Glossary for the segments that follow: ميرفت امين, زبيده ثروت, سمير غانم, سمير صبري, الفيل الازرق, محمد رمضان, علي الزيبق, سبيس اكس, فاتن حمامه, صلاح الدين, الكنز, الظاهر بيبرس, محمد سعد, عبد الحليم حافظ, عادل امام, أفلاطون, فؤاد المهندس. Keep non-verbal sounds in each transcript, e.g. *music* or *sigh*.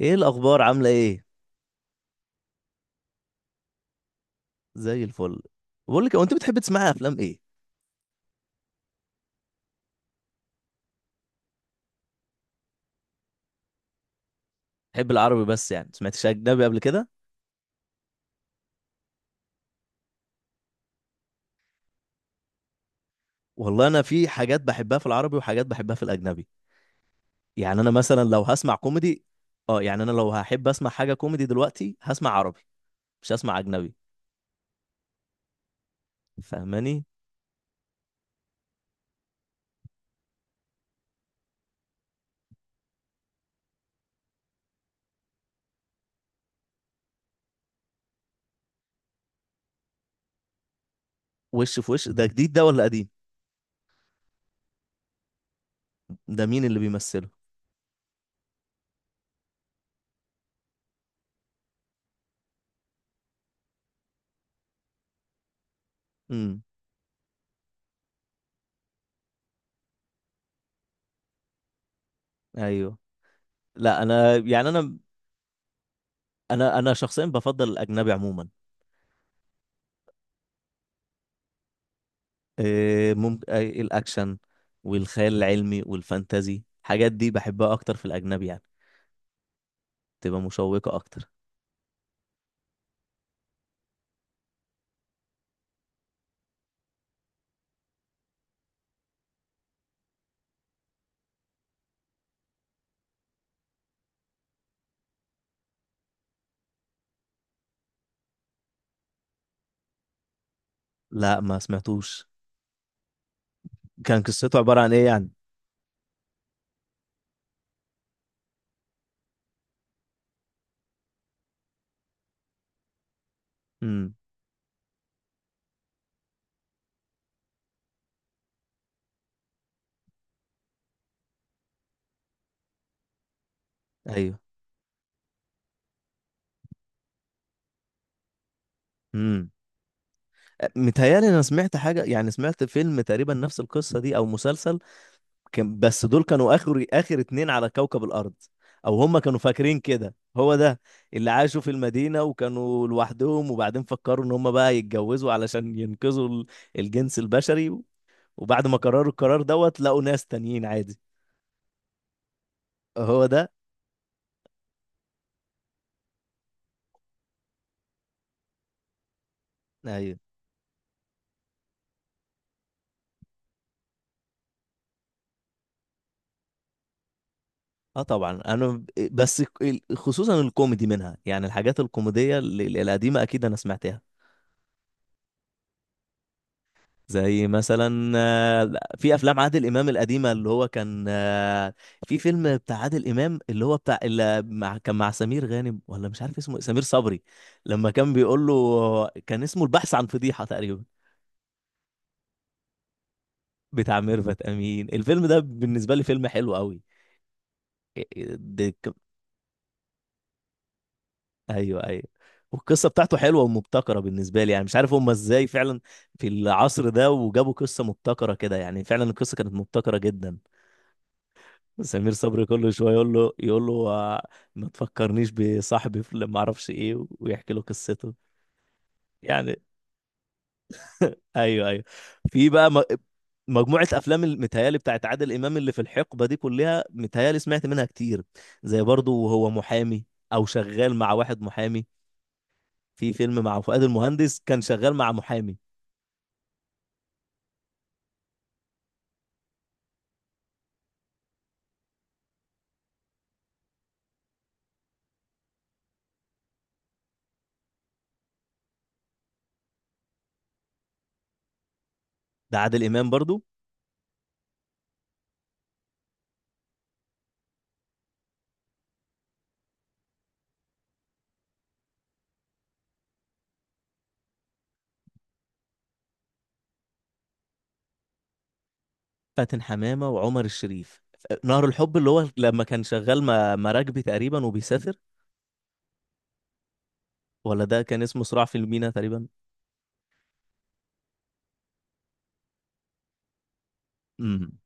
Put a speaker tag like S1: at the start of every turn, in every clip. S1: ايه الاخبار عامله ايه؟ زي الفل. بقول لك، هو انت بتحب تسمعي افلام ايه؟ بتحب العربي بس؟ يعني سمعتش اجنبي قبل كده؟ والله انا في حاجات بحبها في العربي وحاجات بحبها في الاجنبي. يعني انا مثلا لو هسمع كوميدي. اه، يعني انا لو هحب اسمع حاجه كوميدي دلوقتي هسمع عربي، مش هسمع اجنبي. فاهماني؟ وش في وش ده جديد ده ولا قديم؟ ده مين اللي بيمثله؟ امم. ايوه. لا، انا يعني انا انا انا شخصيا بفضل الاجنبي عموما. ممكن الاكشن والخيال العلمي والفانتازي، الحاجات دي بحبها اكتر في الاجنبي، يعني تبقى مشوقة اكتر. لا، ما سمعتوش. كان قصته عبارة عن ايه يعني؟ امم. ايوه. امم. متهيألي انا سمعت حاجة، يعني سمعت فيلم تقريبا نفس القصة دي او مسلسل. كان بس دول كانوا اخر اتنين على كوكب الارض، او هم كانوا فاكرين كده. هو ده؟ اللي عاشوا في المدينة وكانوا لوحدهم، وبعدين فكروا ان هم بقى يتجوزوا علشان ينقذوا الجنس البشري. وبعد ما قرروا القرار دوت لقوا ناس تانيين عادي. هو ده. ايوه. اه طبعا، بس خصوصا الكوميدي منها، يعني الحاجات الكوميديه القديمه اكيد انا سمعتها. زي مثلا في افلام عادل امام القديمه، اللي هو كان في فيلم بتاع عادل امام اللي هو بتاع اللي مع كان مع سمير غانم، ولا مش عارف اسمه إيه، سمير صبري. لما كان بيقول له، كان اسمه البحث عن فضيحه تقريبا. بتاع ميرفت امين. الفيلم ده بالنسبه لي فيلم حلو قوي. ايوه ايوه. والقصه بتاعته حلوه ومبتكره بالنسبه لي، يعني مش عارف هم ازاي فعلا في العصر ده وجابوا قصه مبتكره كده، يعني فعلا القصه كانت مبتكره جدا. سمير صبري كل شويه يقول له ما تفكرنيش بصاحبي في ما اعرفش ايه، ويحكي له قصته. يعني ايوه ايوه. في بقى مجموعة أفلام المتهيالي بتاعت عادل إمام اللي في الحقبة دي، كلها متهيالي سمعت منها كتير. زي برضو وهو محامي، أو شغال مع واحد محامي. في فيلم مع فؤاد المهندس كان شغال مع محامي. ده عادل امام برضو. فاتن حمامه وعمر الشريف. نهر الحب اللي هو لما كان شغال مع مراكبي تقريبا وبيسافر؟ ولا ده كان اسمه صراع في المينا تقريبا. امم.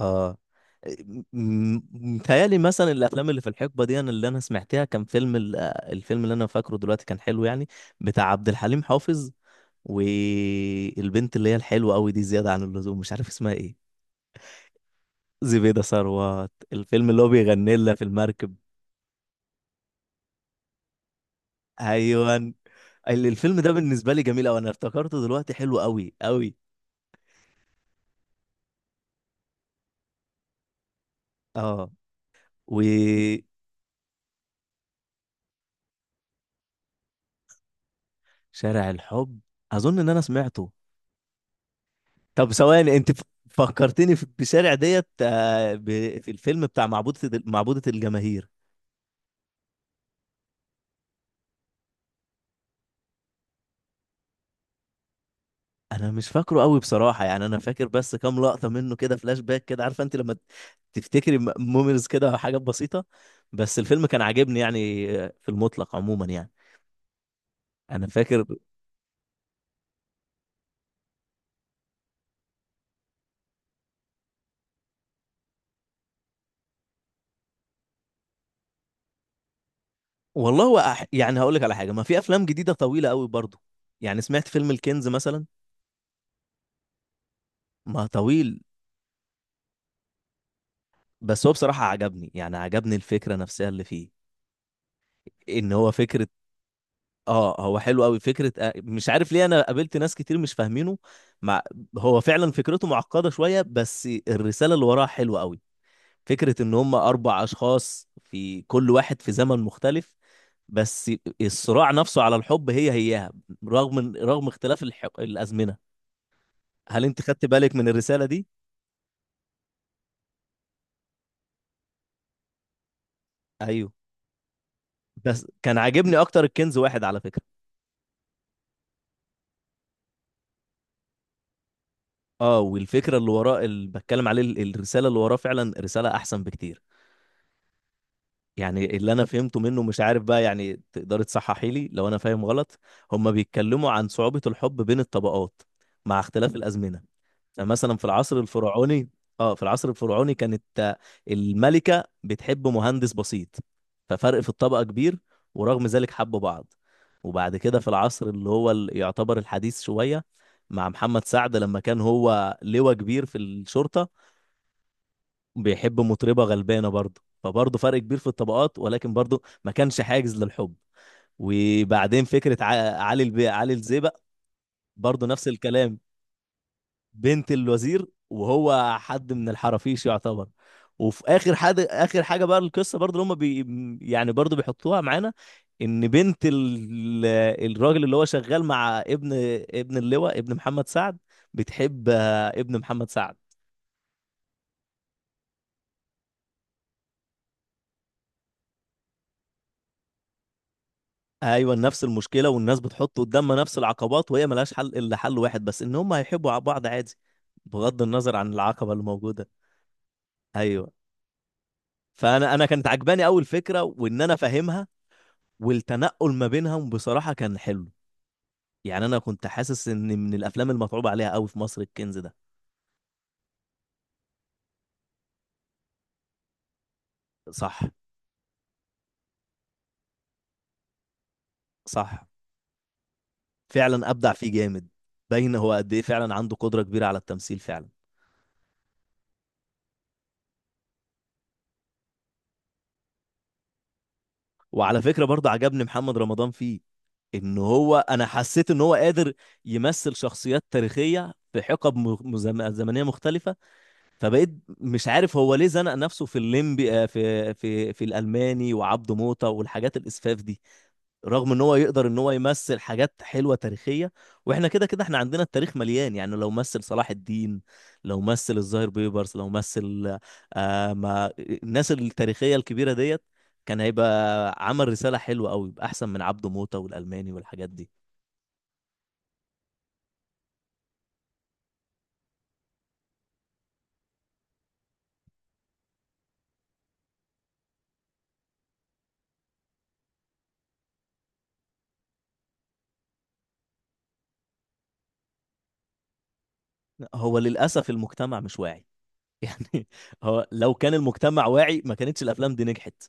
S1: اه. متهيألي مثلا الافلام اللي في الحقبه دي أنا اللي انا سمعتها، كان فيلم الفيلم اللي انا فاكره دلوقتي كان حلو، يعني بتاع عبد الحليم حافظ، والبنت اللي هي الحلوه قوي دي زياده عن اللزوم، مش عارف اسمها ايه. زبيده ثروت. الفيلم اللي هو بيغني لها في المركب. ايوه. الفيلم ده بالنسبه لي جميل قوي، انا افتكرته دلوقتي، حلو قوي قوي. اه. وشارع الحب، اظن ان انا سمعته. طب ثواني انت فكرتني في بشارع ديت، في الفيلم بتاع معبودة معبودة الجماهير. انا مش فاكره قوي بصراحه، يعني انا فاكر بس كام لقطه منه كده، فلاش باك كده، عارفه انت لما تفتكري مومنز كده، حاجات بسيطه. بس الفيلم كان عاجبني، يعني في المطلق عموما يعني. انا فاكر. والله هو يعني هقول لك على حاجه، ما في افلام جديده طويله قوي برضو. يعني سمعت فيلم الكنز مثلا. ما طويل. بس هو بصراحه عجبني، يعني عجبني الفكره نفسها اللي فيه، ان هو فكره. اه هو حلو قوي، فكره مش عارف ليه انا قابلت ناس كتير مش فاهمينه. مع... هو فعلا فكرته معقده شويه، بس الرساله اللي وراها حلوه قوي. فكره ان هم اربع اشخاص، في كل واحد في زمن مختلف. بس الصراع نفسه على الحب هي هيها، رغم اختلاف الازمنه. هل انت خدت بالك من الرسالة دي؟ ايوه. بس كان عاجبني اكتر الكنز واحد على فكرة. اه، والفكرة اللي وراه، اللي بتكلم عليه الرسالة اللي وراه، فعلا رسالة احسن بكتير. يعني اللي انا فهمته منه، مش عارف بقى، يعني تقدر تصححي لي لو انا فاهم غلط. هما بيتكلموا عن صعوبة الحب بين الطبقات مع اختلاف الازمنة. يعني مثلا في العصر الفرعوني. اه في العصر الفرعوني كانت الملكة بتحب مهندس بسيط، ففرق في الطبقة كبير، ورغم ذلك حبوا بعض. وبعد كده في العصر اللي هو يعتبر الحديث شوية، مع محمد سعد لما كان هو لواء كبير في الشرطة، بيحب مطربة غلبانة برضه، فبرضه فرق كبير في الطبقات، ولكن برضه ما كانش حاجز للحب. وبعدين فكرة علي البي علي الزيبق، برضه نفس الكلام. بنت الوزير وهو حد من الحرافيش يعتبر. وفي اخر حد، اخر حاجه بقى القصه برضو اللي هم بي، يعني برضو بيحطوها معانا، ان بنت الراجل اللي هو شغال مع ابن، ابن اللواء ابن محمد سعد، بتحب ابن محمد سعد. ايوه نفس المشكله، والناس بتحط قدامها نفس العقبات، وهي ملهاش حل الا حل واحد بس، ان هم هيحبوا بعض عادي بغض النظر عن العقبه اللي موجوده. ايوه. فانا كانت عجباني اول فكره، وان انا فاهمها. والتنقل ما بينهم بصراحة كان حلو. يعني أنا كنت حاسس إن من الأفلام المتعوب عليها قوي في مصر الكنز ده. صح. صح، فعلا أبدع فيه جامد. باين هو قد إيه فعلا عنده قدرة كبيرة على التمثيل فعلا. وعلى فكرة برضه عجبني محمد رمضان فيه، إن هو، أنا حسيت إن هو قادر يمثل شخصيات تاريخية في حقب زمنية مختلفة. فبقيت مش عارف هو ليه زنق نفسه في الليمبي، في في الألماني وعبده موتة والحاجات الإسفاف دي، رغم ان هو يقدر ان هو يمثل حاجات حلوه تاريخيه. واحنا كده كده احنا عندنا التاريخ مليان، يعني لو مثل صلاح الدين، لو مثل الظاهر بيبرس، لو مثل آه ما الناس التاريخيه الكبيره ديت، كان هيبقى عمل رساله حلوه قوي، يبقى احسن من عبده موته والالماني والحاجات دي. هو للاسف المجتمع مش واعي *laughs* يعني هو لو كان المجتمع واعي ما كانتش الافلام دي نجحت.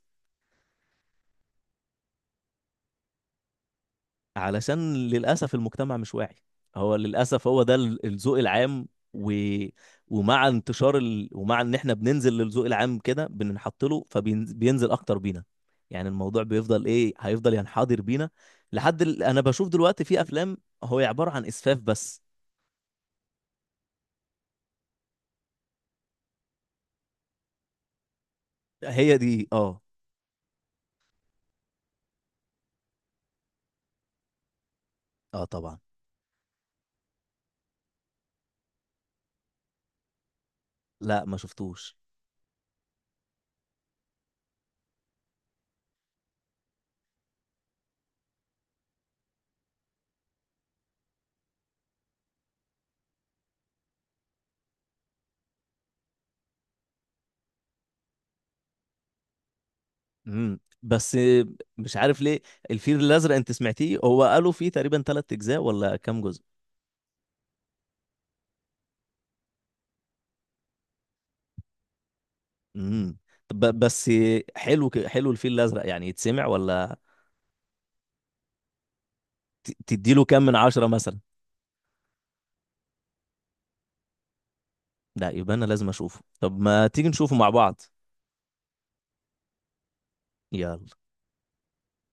S1: علشان للأسف المجتمع مش واعي. هو للأسف هو ده الذوق العام. و... ومع انتشار ومع ان احنا بننزل للذوق العام كده بننحط له، فبينزل اكتر بينا. يعني الموضوع بيفضل ايه، هيفضل ينحدر بينا لحد انا بشوف دلوقتي في افلام هو عبارة عن اسفاف بس. هي دي اه. اه طبعا. لا، ما شفتوش. امم. بس مش عارف ليه. الفيل الازرق انت سمعتيه؟ هو قالوا فيه تقريبا ثلاث اجزاء ولا كام جزء؟ امم. طب بس، حلو حلو الفيل الازرق يعني، يتسمع ولا؟ تديله كام من عشرة مثلا؟ لا يبقى انا لازم اشوفه. طب ما تيجي نشوفه مع بعض؟ يلا.